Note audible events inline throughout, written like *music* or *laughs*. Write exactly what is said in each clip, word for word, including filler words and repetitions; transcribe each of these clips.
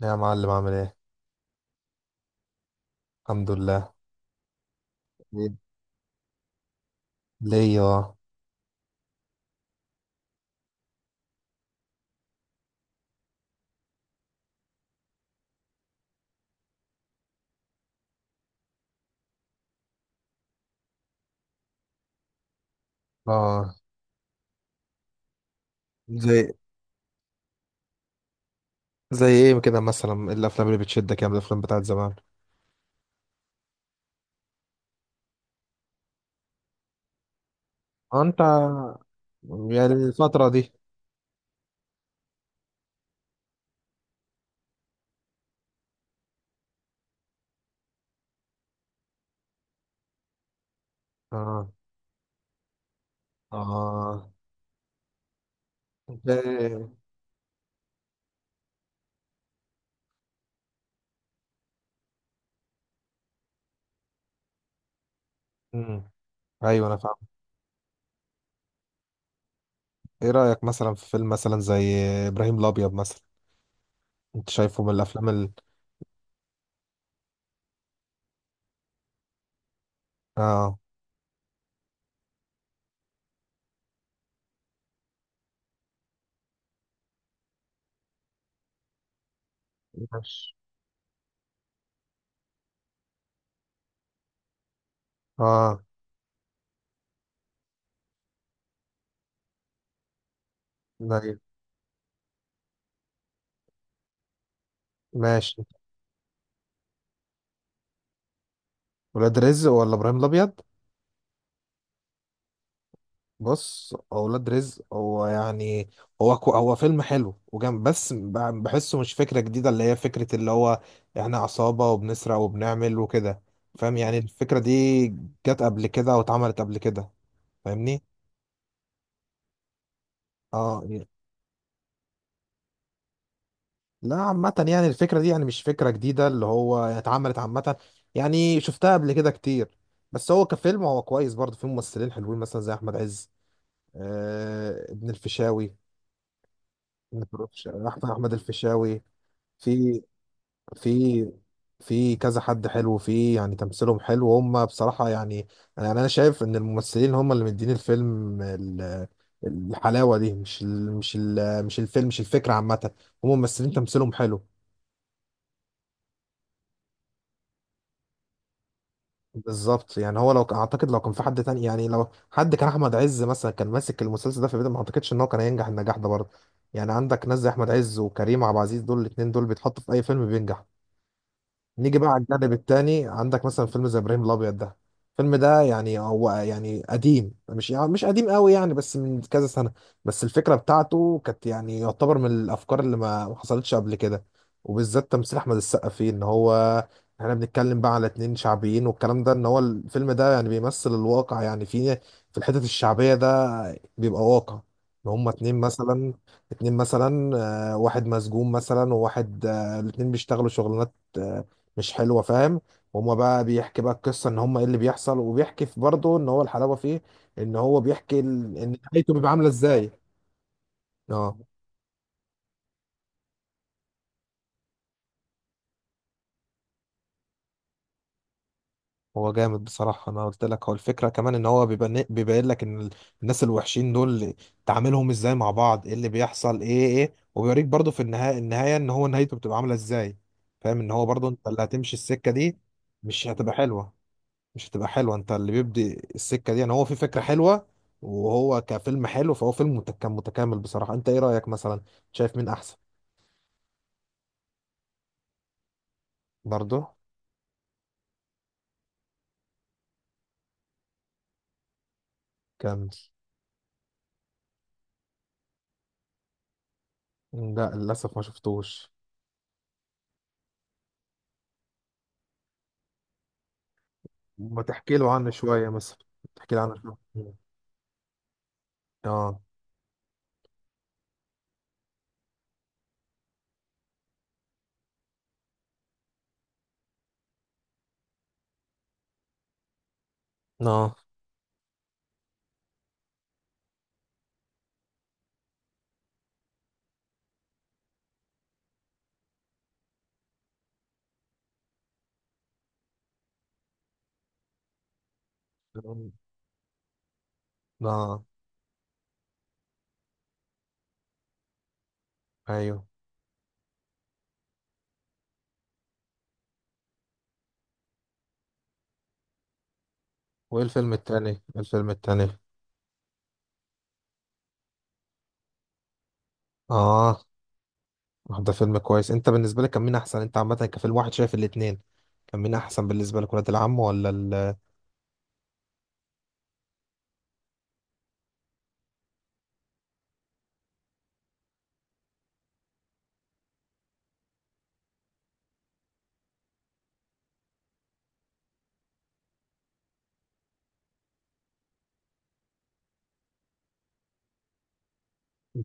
لا يا معلم عامل ايه؟ الحمد لله. إيه؟ ليا، اه. اه. زي زي ايه كده، مثلا إيه الافلام اللي بتشدك يعني؟ من الافلام بتاعت زمان؟ آه، انت يعني الفترة دي. اه. اه. انت إيه؟ مم. ايوه انا فاهم. ايه رأيك مثلا في فيلم مثلا زي ابراهيم الابيض مثلا؟ انت شايفه من الافلام ال... اه. ماشي. اه. زي ماشي. ولاد رزق ولا ابراهيم الابيض؟ بص، اولاد رزق هو يعني هو كو هو فيلم حلو وجامد، بس ب- بحسه مش فكره جديده، اللي هي فكره اللي هو احنا عصابه وبنسرق وبنعمل وكده. فاهم يعني الفكره دي جت قبل كده او اتعملت قبل كده، فاهمني؟ اه ي- لا عامه، يعني الفكره دي يعني مش فكره جديده، اللي هو اتعملت عامه، يعني شفتها قبل كده كتير. بس هو كفيلم هو كويس، برضه فيه ممثلين حلوين مثلا زي احمد عز، آه، ابن الفيشاوي. ابن الفيشاوي- احمد أحمد الفيشاوي. في في في كذا حد حلو فيه، يعني تمثيلهم حلو هم بصراحة. يعني يعني أنا شايف إن الممثلين هم اللي مدين الفيلم ال- الحلاوة دي، مش ال مش ال مش الفيلم، مش الفكرة عامة. هم ممثلين تمثيلهم حلو. بالظبط، يعني هو لو كان- أعتقد لو كان في حد تاني، يعني لو حد كان أحمد عز مثلا كان ماسك المسلسل ده في بداية، ما أعتقدش إن هو كان هينجح النجاح ده برضه. يعني عندك ناس زي أحمد عز وكريم عبد العزيز، دول الاتنين دول بيتحطوا في أي فيلم بينجح. نيجي بقى على الجانب التاني، عندك مثلا فيلم زي ابراهيم الابيض ده. الفيلم ده يعني هو يعني قديم، مش يعني مش قديم قوي يعني، بس من كذا سنه. بس الفكره بتاعته كانت يعني يعتبر من الافكار اللي ما ما حصلتش قبل كده، وبالذات تمثيل احمد السقا فيه. ان هو احنا بنتكلم بقى على اتنين شعبيين، والكلام ده ان هو الفيلم ده يعني بيمثل الواقع، يعني في في الحتت الشعبيه ده بيبقى واقع. ان هما اتنين مثلا، اتنين مثلا، آه، واحد مسجون مثلا وواحد، آه، الاتنين بيشتغلوا شغلانات، آه، مش حلوه، فاهم؟ هما بقى بيحكي بقى القصه ان هما ايه اللي بيحصل، وبيحكي في برضه ان هو الحلاوه فيه ان هو بيحكي ال... ان نهايته بيبقى عامله ازاي. اه. هو جامد بصراحه. انا قلت لك هو الفكره كمان ان هو بيبين بيبين لك ان ال- الناس الوحشين دول تعاملهم ازاي مع بعض، ايه اللي بيحصل، ايه ايه، وبيوريك برضه في النهايه، النهايه ان هو نهايته بتبقى عامله ازاي، فاهم؟ ان هو برضه انت اللي هتمشي السكه دي، مش هتبقى حلوه. مش هتبقى حلوه. انت اللي بيبدي السكه دي، يعني هو في فكره حلوه، وهو كفيلم حلو، فهو فيلم متك- كان متكامل بصراحه. انت ايه رايك مثلا؟ شايف مين احسن؟ برضه كان. لا للاسف ما شفتوش. ما تحكي له عنه شويه مثلا، تحكي له عنه شويه. اه. اه. اه. ايوه. وايه الفيلم التاني إيه الفيلم التاني اه، ده فيلم كويس. انت بالنسبه لك كان مين احسن؟ انت عامه كفيلم واحد، شايف الاتنين كان مين احسن بالنسبه لك، ولاد العم ولا ال...؟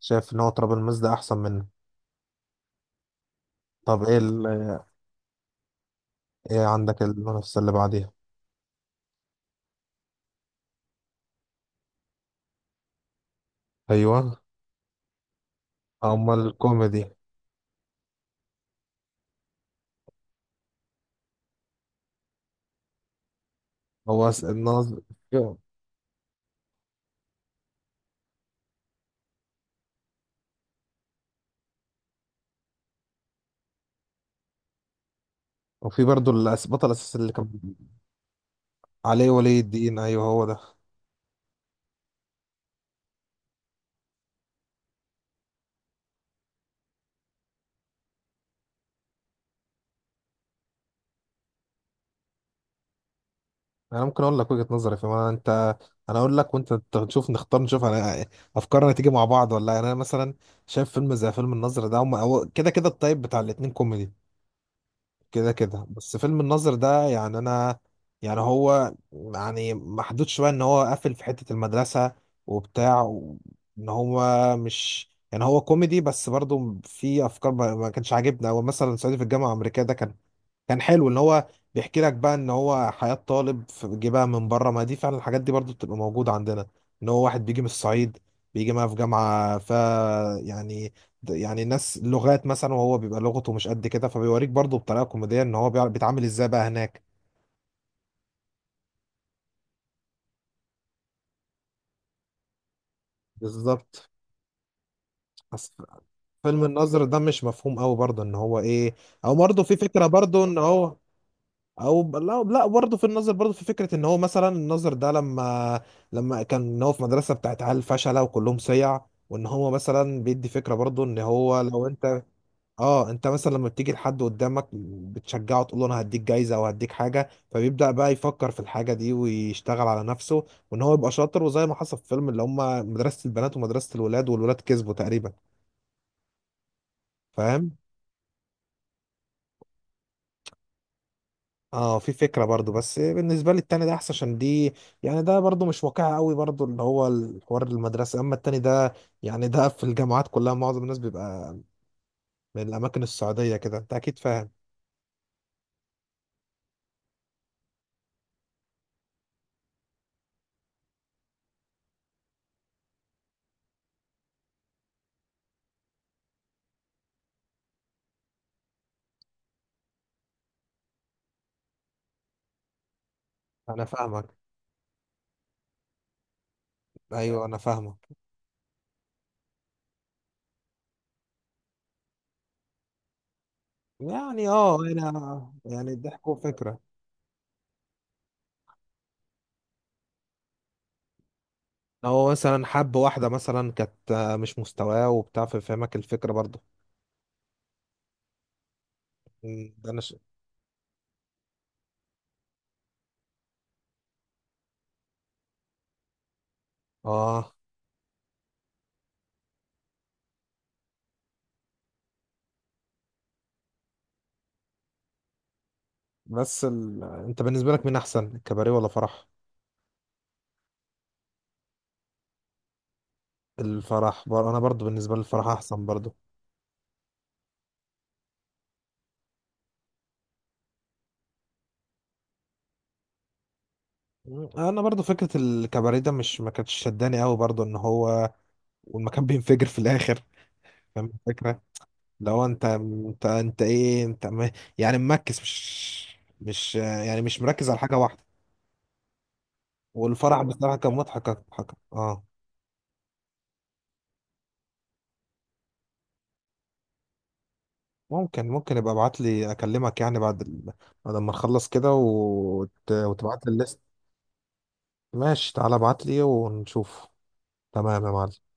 شايف ان هو تراب الماس ده احسن منه؟ طب ايه ال... ايه عندك المنافسة اللي بعديها؟ ايوه. امال الكوميدي؟ هو أس- الناظر. وفي برضو الأس- البطل الاساسي اللي كان عليه ولي الدين، ايوه هو ده. انا ممكن اقول لك وجهة نظري، في ما انت، انا اقول لك وانت ت- نشوف، نختار نشوف انا افكارنا تيجي مع بعض ولا لا. يعني انا مثلا شايف فيلم زي فيلم الناظر ده، هم هو كده كده الطيب بتاع الاتنين كوميدي، كده كده، بس فيلم الناظر ده يعني انا يعني هو يعني محدود شويه، ان هو قافل في حته المدرسه وبتاع و- ان هو مش، يعني هو كوميدي بس برضه في افكار ما ما كانش عاجبنا. هو مثلا صعيدي في الجامعه الامريكيه ده كان، كان حلو، اللي هو بيحكي لك بقى ان هو حياة طالب في- جه بقى من بره، ما دي فعلا الحاجات دي برضو بتبقى موجودة عندنا، ان هو واحد بيجي من الصعيد، بيجي معاه في جامعة ف، يعني يعني ناس لغات مثلا، وهو بيبقى لغته مش قد كده، فبيوريك برضو بطريقة كوميدية ان هو بيعرف بيتعامل ازاي بقى هناك. بالظبط. أص- فيلم النظر ده مش مفهوم قوي برضه ان هو ايه، او برضه في فكرة برضه ان هو، او ب- لا لا، برضه في النظر برضه في فكره ان هو مثلا النظر ده لما، لما كان إن هو في مدرسه بتاعت عيال فشله وكلهم صيع، وان هو مثلا بيدي فكره برضه ان هو لو انت. اه، انت مثلا لما بتيجي لحد قدامك بتشجعه، تقول له انا هديك جايزه او هديك حاجه، فبيبدا بقى يفكر في الحاجه دي ويشتغل على نفسه وان هو يبقى شاطر، وزي ما حصل في فيلم اللي هم مدرسه البنات ومدرسه الولاد، والولاد كسبوا تقريبا، فاهم؟ اه، في فكرة برضو، بس بالنسبة لي التاني ده احسن، عشان دي، يعني ده برضو مش واقعي قوي برضو اللي هو الحوار المدرسة، اما التاني ده يعني ده في الجامعات كلها معظم الناس بيبقى من الاماكن السعودية كده، انت اكيد فاهم. انا فاهمك. ايوه انا فاهمك. يعني اه، انا يعني الضحك هو فكرة. هو مثلا حب واحدة مثلا كانت، آه، مش مستواه وبتاع، فاهمك الفكرة برضو. مم، ده انا ش... اه. بس ال... انت بالنسبة لك مين احسن، الكباريه ولا فرح؟ الفرح بر... انا برضو بالنسبة لي الفرح احسن برضو. انا برضو فكره الكباريه ده مش، ما كانتش شداني قوي برضو ان هو والمكان *laughs* بينفجر في الاخر، فاهم الفكره؟ لو انت انت انت ايه انت م... يعني مركز، مش، مش يعني مش مركز على حاجه واحده. والفرح بصراحه كان مضحك مضحك، اه. ممكن ممكن يبقى ابعت لي، اكلمك يعني بعد ال... بعد ما نخلص كده، وت... وتبعت لي الليست. ماشي، تعالى ابعت لي ونشوف. تمام يا معلم.